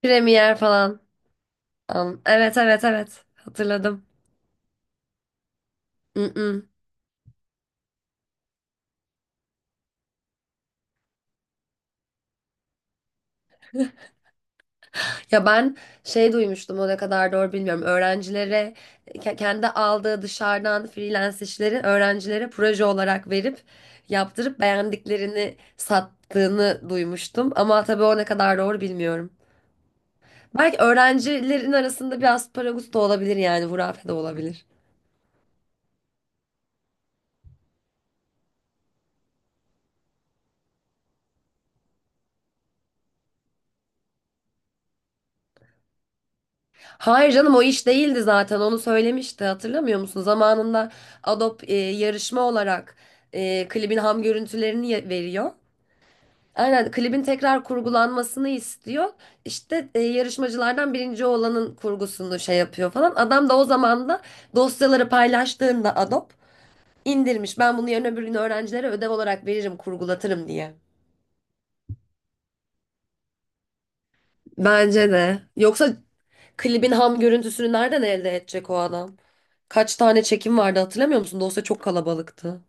Premier falan. Evet evet evet. Hatırladım. Mm-mm. Ya ben duymuştum, o ne kadar doğru bilmiyorum. Öğrencilere kendi aldığı dışarıdan freelance işleri öğrencilere proje olarak verip yaptırıp beğendiklerini sattığını duymuştum. Ama tabii o ne kadar doğru bilmiyorum. Belki öğrencilerin arasında biraz paragut da olabilir, yani hurafe de olabilir. Hayır canım, o iş değildi zaten, onu söylemişti hatırlamıyor musun? Zamanında Adobe yarışma olarak klibin ham görüntülerini veriyor. Aynen, klibin tekrar kurgulanmasını istiyor. İşte yarışmacılardan birinci olanın kurgusunu yapıyor falan. Adam da o zaman da dosyaları paylaştığında Adobe indirmiş. Ben bunu yarın öbür gün öğrencilere ödev olarak veririm, kurgulatırım diye. Bence de. Yoksa klibin ham görüntüsünü nereden elde edecek o adam? Kaç tane çekim vardı hatırlamıyor musun? Dosya çok kalabalıktı.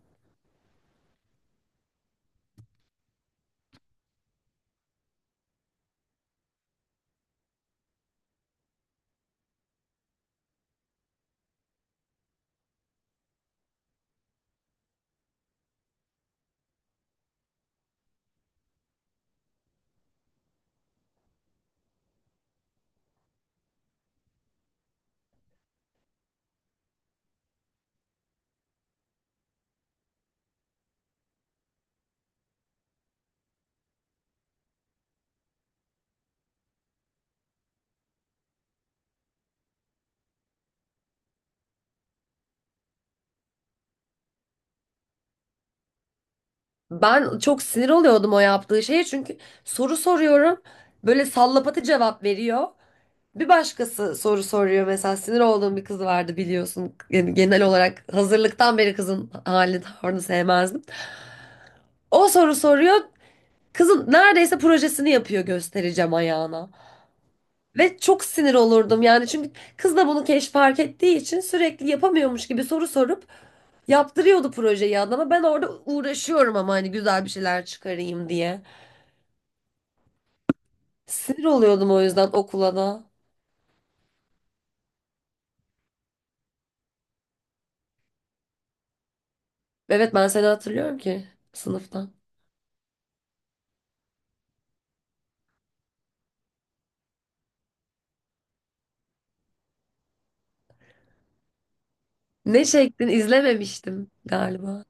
Ben çok sinir oluyordum o yaptığı şeye, çünkü soru soruyorum. Böyle sallapatı cevap veriyor. Bir başkası soru soruyor, mesela sinir olduğum bir kız vardı biliyorsun. Yani genel olarak hazırlıktan beri kızın halini tavrını sevmezdim. O soru soruyor. Kızın neredeyse projesini yapıyor göstereceğim ayağına. Ve çok sinir olurdum yani, çünkü kız da bunu fark ettiği için sürekli yapamıyormuş gibi soru sorup yaptırıyordu projeyi adama. Ben orada uğraşıyorum ama hani güzel bir şeyler çıkarayım diye. Sinir oluyordum o yüzden okula da. Evet, ben seni hatırlıyorum ki sınıftan. Ne çektin, izlememiştim galiba.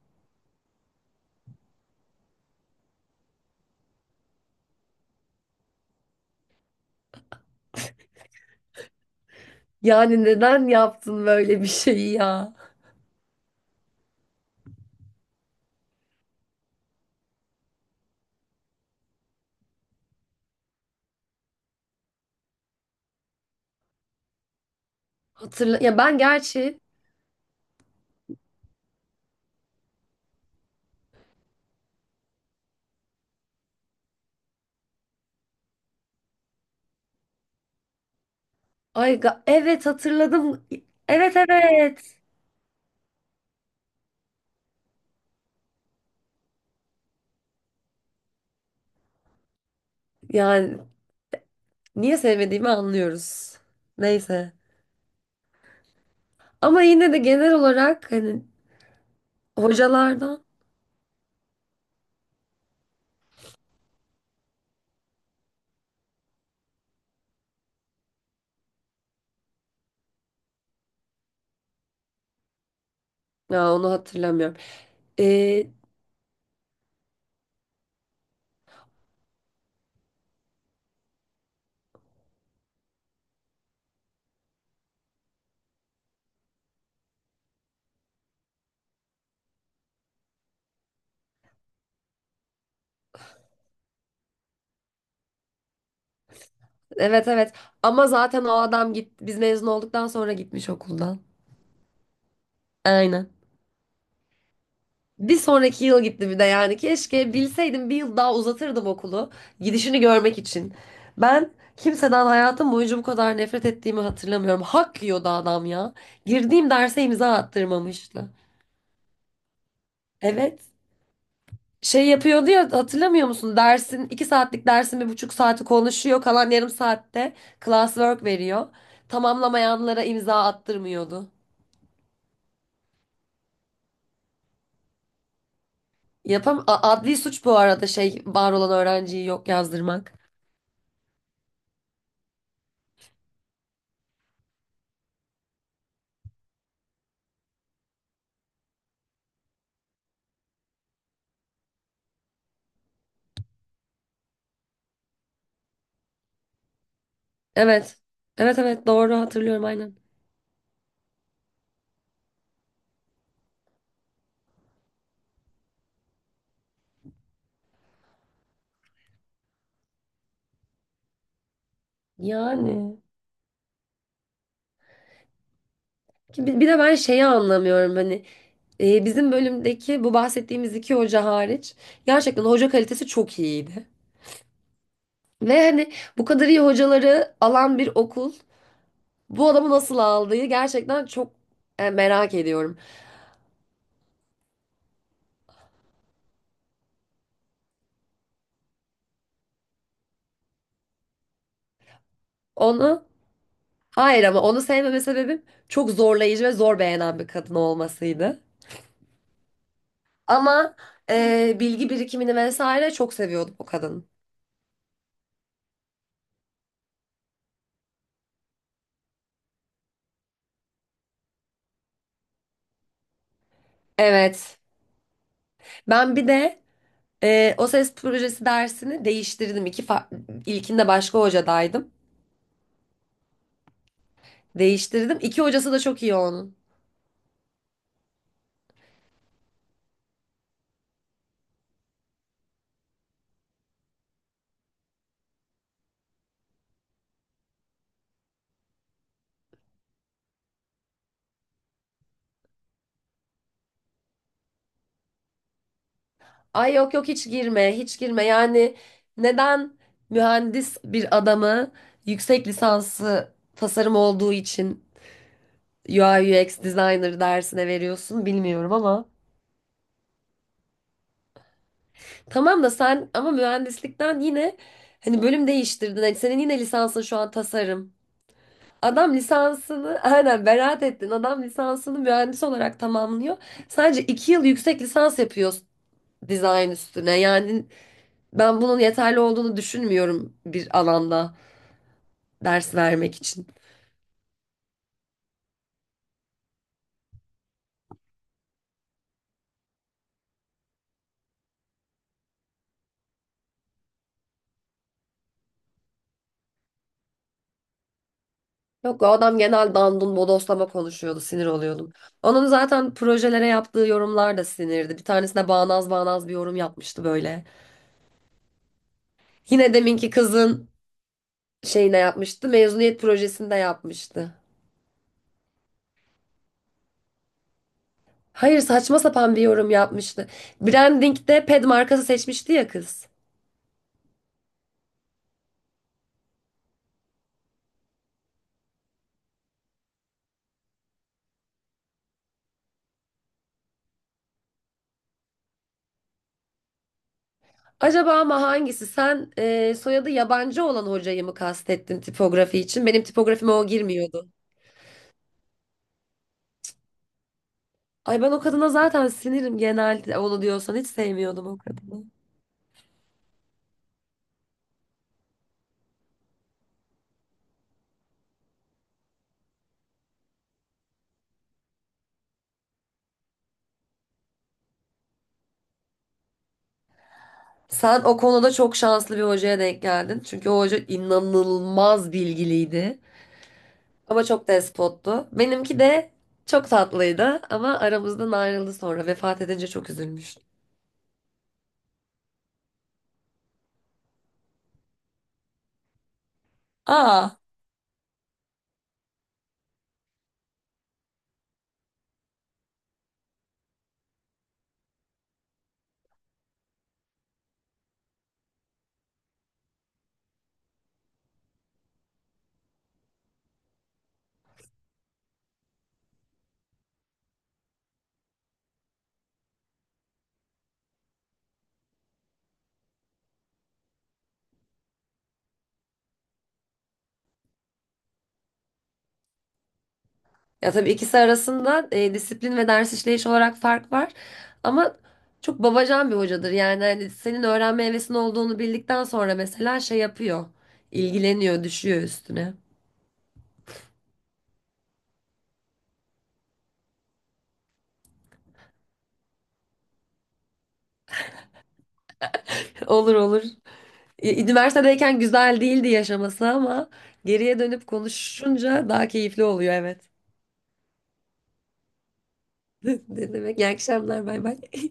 Yani neden yaptın böyle bir şeyi ya? Hatırla ya, ben gerçi evet, hatırladım. Evet evet. Yani niye sevmediğimi anlıyoruz. Neyse. Ama yine de genel olarak hani hocalardan, ya onu hatırlamıyorum. Ee, Evet evet. Ama zaten o adam biz mezun olduktan sonra gitmiş okuldan. Aynen. Bir sonraki yıl gitti bir de yani. Keşke bilseydim, bir yıl daha uzatırdım okulu. Gidişini görmek için. Ben kimseden hayatım boyunca bu kadar nefret ettiğimi hatırlamıyorum. Hak yiyordu adam ya. Girdiğim derse imza attırmamıştı. Evet. Şey yapıyordu ya, hatırlamıyor musun? Dersin, iki saatlik dersin bir buçuk saati konuşuyor. Kalan yarım saatte classwork veriyor. Tamamlamayanlara imza attırmıyordu. Adli suç bu arada, şey, var olan öğrenciyi yok yazdırmak. Evet. Evet evet, doğru hatırlıyorum aynen. Yani bir de ben anlamıyorum hani, bizim bölümdeki bu bahsettiğimiz iki hoca hariç gerçekten hoca kalitesi çok iyiydi. Ve hani bu kadar iyi hocaları alan bir okul bu adamı nasıl aldığı gerçekten çok merak ediyorum. Onu, hayır, ama onu sevmeme sebebim çok zorlayıcı ve zor beğenen bir kadın olmasıydı. Ama bilgi birikimini vesaire çok seviyordum o kadın. Evet. Ben bir de o ses projesi dersini değiştirdim. İlkinde başka hocadaydım. Değiştirdim. İki hocası da çok iyi onun. Ay yok yok, hiç girme, hiç girme. Yani neden mühendis bir adamı yüksek lisansı tasarım olduğu için UI UX designer dersine veriyorsun bilmiyorum ama. Tamam da sen ama mühendislikten yine hani bölüm değiştirdin. Hani senin yine lisansın şu an tasarım. Adam lisansını aynen, beraat ettin. Adam lisansını mühendis olarak tamamlıyor. Sadece iki yıl yüksek lisans yapıyor dizayn üstüne. Yani ben bunun yeterli olduğunu düşünmüyorum bir alanda ders vermek için. Yok, o adam genel dandun bodoslama konuşuyordu, sinir oluyordum. Onun zaten projelere yaptığı yorumlar da sinirdi. Bir tanesine bağnaz bağnaz bir yorum yapmıştı böyle. Yine deminki kızın yapmıştı. Mezuniyet projesinde yapmıştı. Hayır, saçma sapan bir yorum yapmıştı. Branding'de ped markası seçmişti ya kız. Acaba ama hangisi? Sen soyadı yabancı olan hocayı mı kastettin tipografi için? Benim tipografime o girmiyordu. Ay ben o kadına zaten sinirim, genelde, onu diyorsan hiç sevmiyordum o kadını. Sen o konuda çok şanslı bir hocaya denk geldin. Çünkü o hoca inanılmaz bilgiliydi. Ama çok despottu. Benimki de çok tatlıydı ama aramızdan ayrıldı sonra. Vefat edince çok üzülmüştüm. Aa. Ya tabii ikisi arasında disiplin ve ders işleyiş olarak fark var. Ama çok babacan bir hocadır. Yani hani senin öğrenme hevesin olduğunu bildikten sonra mesela yapıyor. İlgileniyor, düşüyor üstüne. Olur olur. Üniversitedeyken güzel değildi yaşaması ama geriye dönüp konuşunca daha keyifli oluyor, evet. Ne demek? İyi akşamlar. Bay bay.